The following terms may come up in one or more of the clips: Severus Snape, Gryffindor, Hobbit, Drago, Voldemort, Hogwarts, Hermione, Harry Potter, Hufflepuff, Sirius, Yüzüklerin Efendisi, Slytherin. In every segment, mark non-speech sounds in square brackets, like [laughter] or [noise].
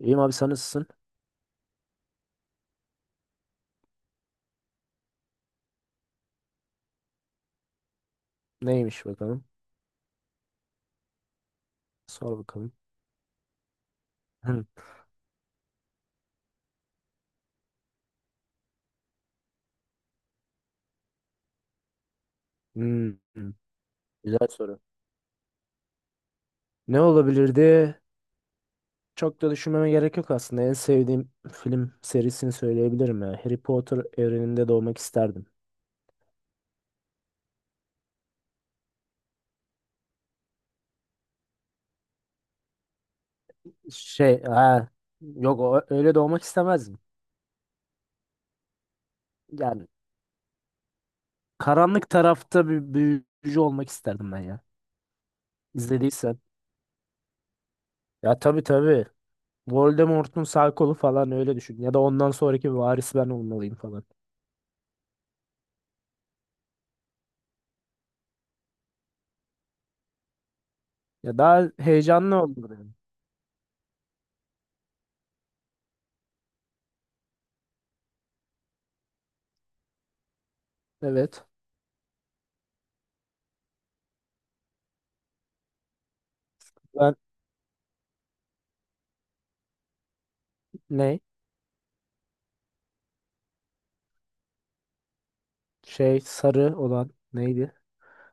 İyiyim abi sen nasılsın? Neymiş bakalım. Sor bakalım. Hı. Hmm, hmm. Güzel soru. Ne olabilirdi? Çok da düşünmeme gerek yok aslında. En sevdiğim film serisini söyleyebilirim ya. Harry Potter evreninde doğmak isterdim. Şey, ha, yok öyle doğmak istemezdim. Yani karanlık tarafta bir büyücü olmak isterdim ben ya. İzlediysen. Ya tabii tabii. Voldemort'un sağ kolu falan öyle düşün. Ya da ondan sonraki varis ben olmalıyım falan. Ya daha heyecanlı olurdu yani. Evet. Ben ne? Şey sarı olan neydi?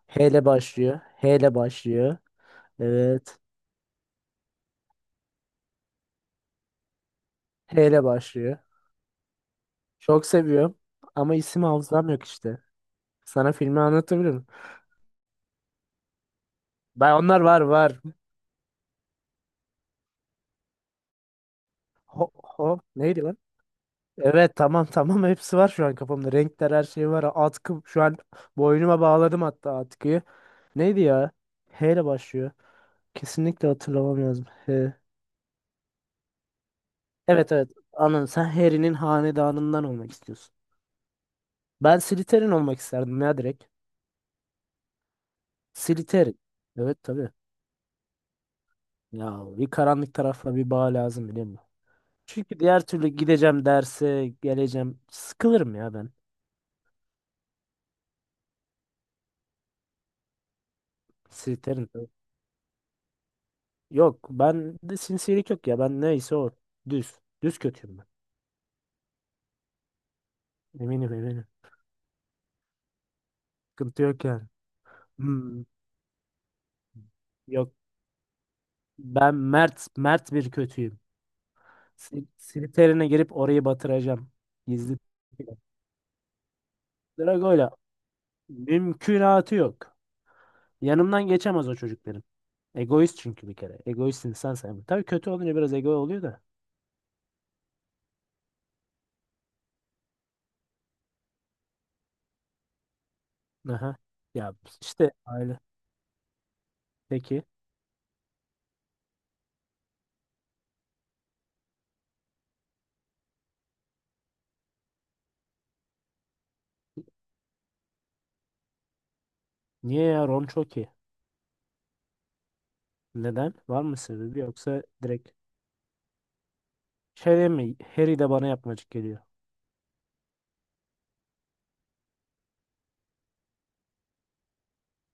H ile başlıyor. H ile başlıyor. Evet. H ile başlıyor. Çok seviyorum. Ama isim hafızam yok işte. Sana filmi anlatabilirim. Ben onlar var var. Ho, ho neydi lan? Evet tamam tamam hepsi var şu an kafamda. Renkler her şey var. Atkı şu an boynuma bağladım hatta atkıyı. Neydi ya? H ile başlıyor. Kesinlikle hatırlamam lazım. H. Evet evet. Anladım. Sen Harry'nin hanedanından olmak istiyorsun. Ben Slytherin olmak isterdim ya direkt. Slytherin. Evet tabii. Ya bir karanlık tarafla bir bağ lazım, biliyor musun? Çünkü diğer türlü gideceğim derse geleceğim. Sıkılırım ya ben. Slytherin. Yok, ben de sinsilik yok ya. Ben neyse o. Düz. Düz kötüyüm ben. Eminim eminim. Sıkıntı yok yani. Hmm, Yok, ben mert mert bir kötüyüm. Slytherin'e girip orayı batıracağım. Gizli plan. Drago'yla mümkünatı yok. Yanımdan geçemez o çocuk benim. Egoist çünkü bir kere. Egoist insan sayılır. Tabii kötü olunca biraz ego oluyor da. Aha. Ya işte aile. Peki. Niye ya, Ron çok iyi? Neden? Var mı sebebi yoksa direkt şey değil mi? Harry de bana yapmacık geliyor.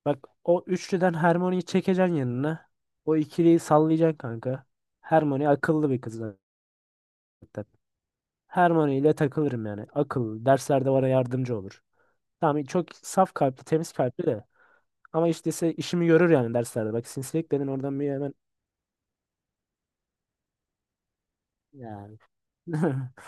Bak, o üçlüden Hermione'yi çekeceksin yanına. O ikiliyi sallayacaksın kanka. Hermione akıllı bir kız zaten. Hermione ile takılırım yani. Akıllı. Derslerde bana yardımcı olur. Tamam, çok saf kalpli, temiz kalpli de. Ama işte ise işimi görür yani derslerde. Bak, sinsilik dedin oradan bir hemen yani. [laughs]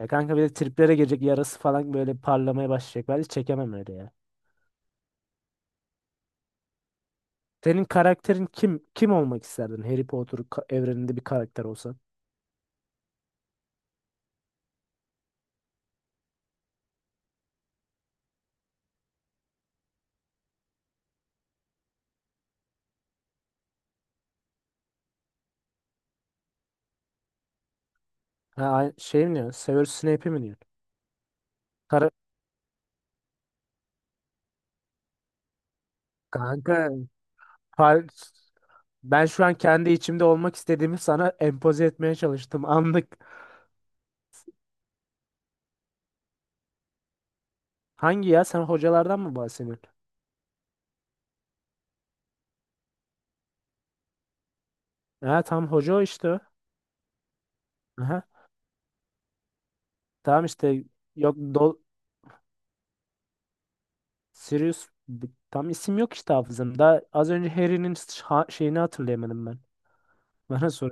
Ya kanka, bir de triplere girecek, yarası falan böyle parlamaya başlayacak. Ben hiç çekemem öyle ya. Senin karakterin kim? Kim olmak isterdin? Harry Potter evreninde bir karakter olsan. Ha, şey mi diyorsun? Severus Snape mi diyorsun? Kara- Kanka, par- ben şu an kendi içimde olmak istediğimi sana empoze etmeye çalıştım. [laughs] Anlık. Hangi ya? Sen hocalardan mı bahsediyorsun? Ha, tam hoca o, işte o. Aha. Tamam işte. Yok do- Sirius tam isim yok işte hafızamda. Az önce Harry'nin şeyini hatırlayamadım ben. [laughs] Bana sor.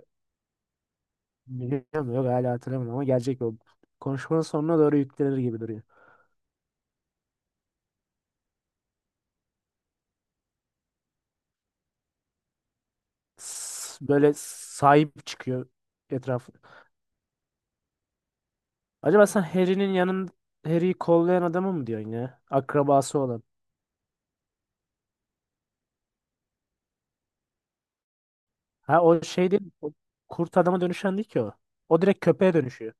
Biliyor mu? Yok, hala hatırlamadım ama gelecek o. Konuşmanın sonuna doğru yüklenir gibi duruyor. Böyle sahip çıkıyor etrafı. Acaba sen Harry'yi kollayan adamı mı diyorsun ya? Akrabası olan. Ha, o şey değil. O kurt adama dönüşen değil ki o. O direkt köpeğe dönüşüyor.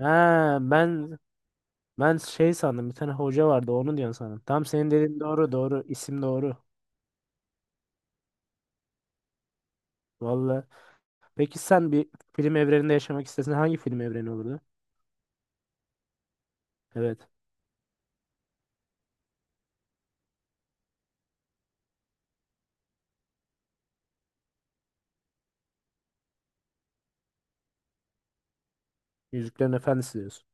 Ha, ben şey sandım. Bir tane hoca vardı, onu diyorsun sandım. Tam senin dediğin doğru doğru. isim doğru. Vallahi. Peki sen bir film evreninde yaşamak istesen hangi film evreni olurdu? Evet. Yüzüklerin Efendisi diyorsun.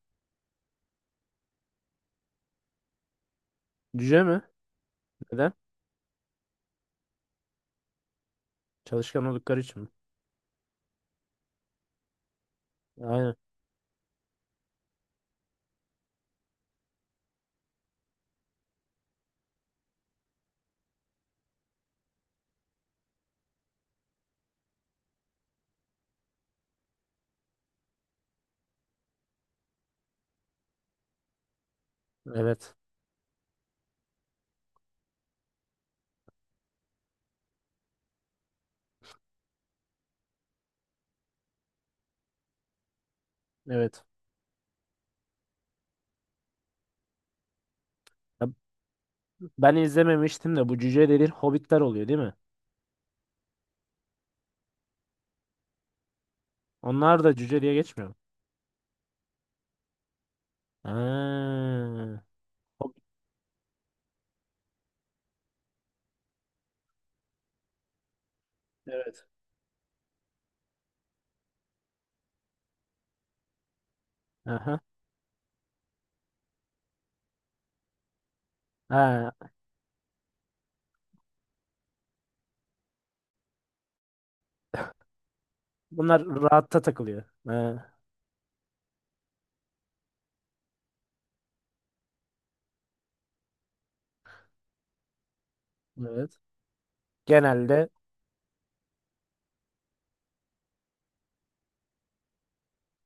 Cüce mi? Neden? Çalışkan oldukları için mi? Aynen. Evet. Evet. Ya ben izlememiştim de, bu cüce dediğin hobbitler oluyor değil mi? Onlar da cüce diye geçmiyor mu? Ha. Hobbit. Evet. Aha. Ha. Bunlar rahatta takılıyor. Ha. Evet. Genelde.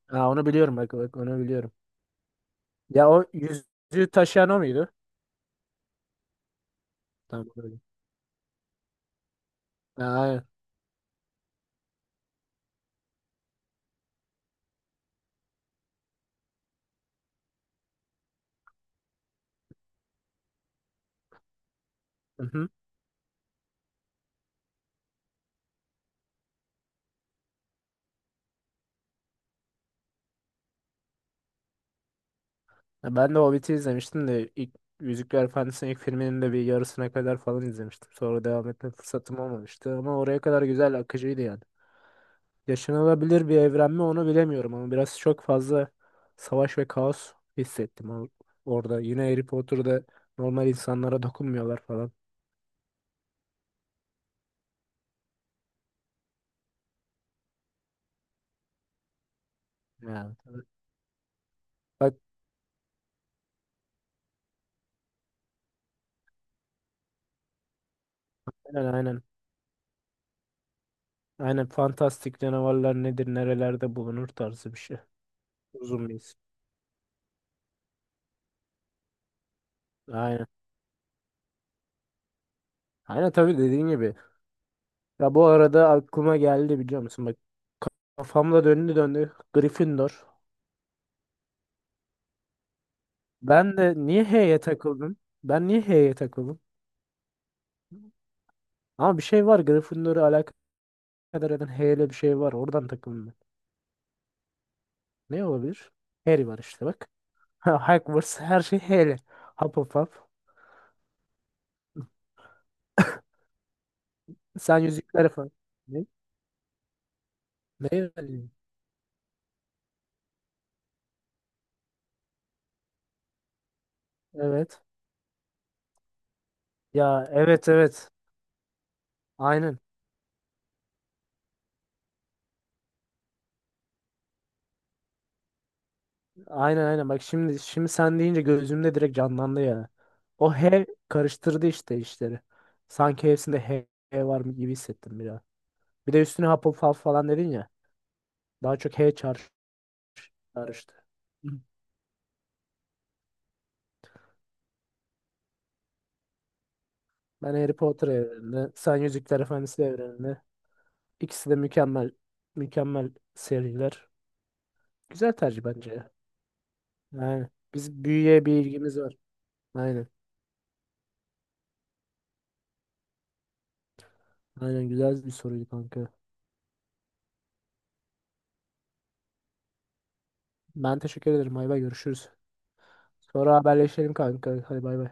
Ha, onu biliyorum, bak bak onu biliyorum. Ya o yüzüğü taşıyan o muydu? Tamam, öyle. Ha, aynen. Mhm. Ya ben de Hobbit'i izlemiştim de ilk Yüzükler Efendisi'nin ilk filminin de bir yarısına kadar falan izlemiştim. Sonra devam etme fırsatım olmamıştı ama oraya kadar güzel akıcıydı yani. Yaşanılabilir bir evren mi, onu bilemiyorum ama biraz çok fazla savaş ve kaos hissettim orada. Yine Harry Potter'da normal insanlara dokunmuyorlar falan. Yani. Bak, aynen aynen. Aynen, fantastik canavarlar nedir nerelerde bulunur tarzı bir şey. Uzun bir isim. Aynen. Aynen, tabii dediğin gibi. Ya bu arada aklıma geldi, biliyor musun? Kafamda döndü döndü. Gryffindor. Ben de niye H'ye takıldım? Ben niye H'ye takıldım? Ama bir şey var. Gryffindor'u alakadar eden H ile bir şey var. Oradan takıldım ben. Ne olabilir? Harry var işte, bak. [laughs] Hogwarts, her şey H H'li. Hufflepuff. Sen yüzükler falan. Ne? Ne? Yani? Evet. Ya, evet evet. Aynen. Aynen aynen. Bak, şimdi şimdi sen deyince gözümde direkt canlandı ya. O H karıştırdı işte işleri. Sanki hepsinde H H var mı gibi hissettim biraz. Bir de üstüne Hufflepuff falan dedin ya. Daha çok H çağrıştı. Çağrıştı. Hı. Ben Harry Potter evreninde, sen Yüzükler Efendisi evreninde. İkisi de mükemmel, mükemmel seriler. Güzel tercih bence ya. Yani biz büyüye bir ilgimiz var. Aynen. Aynen, güzel bir soruydu kanka. Ben teşekkür ederim. Bay bay, görüşürüz. Sonra haberleşelim kanka. Hadi bay bay.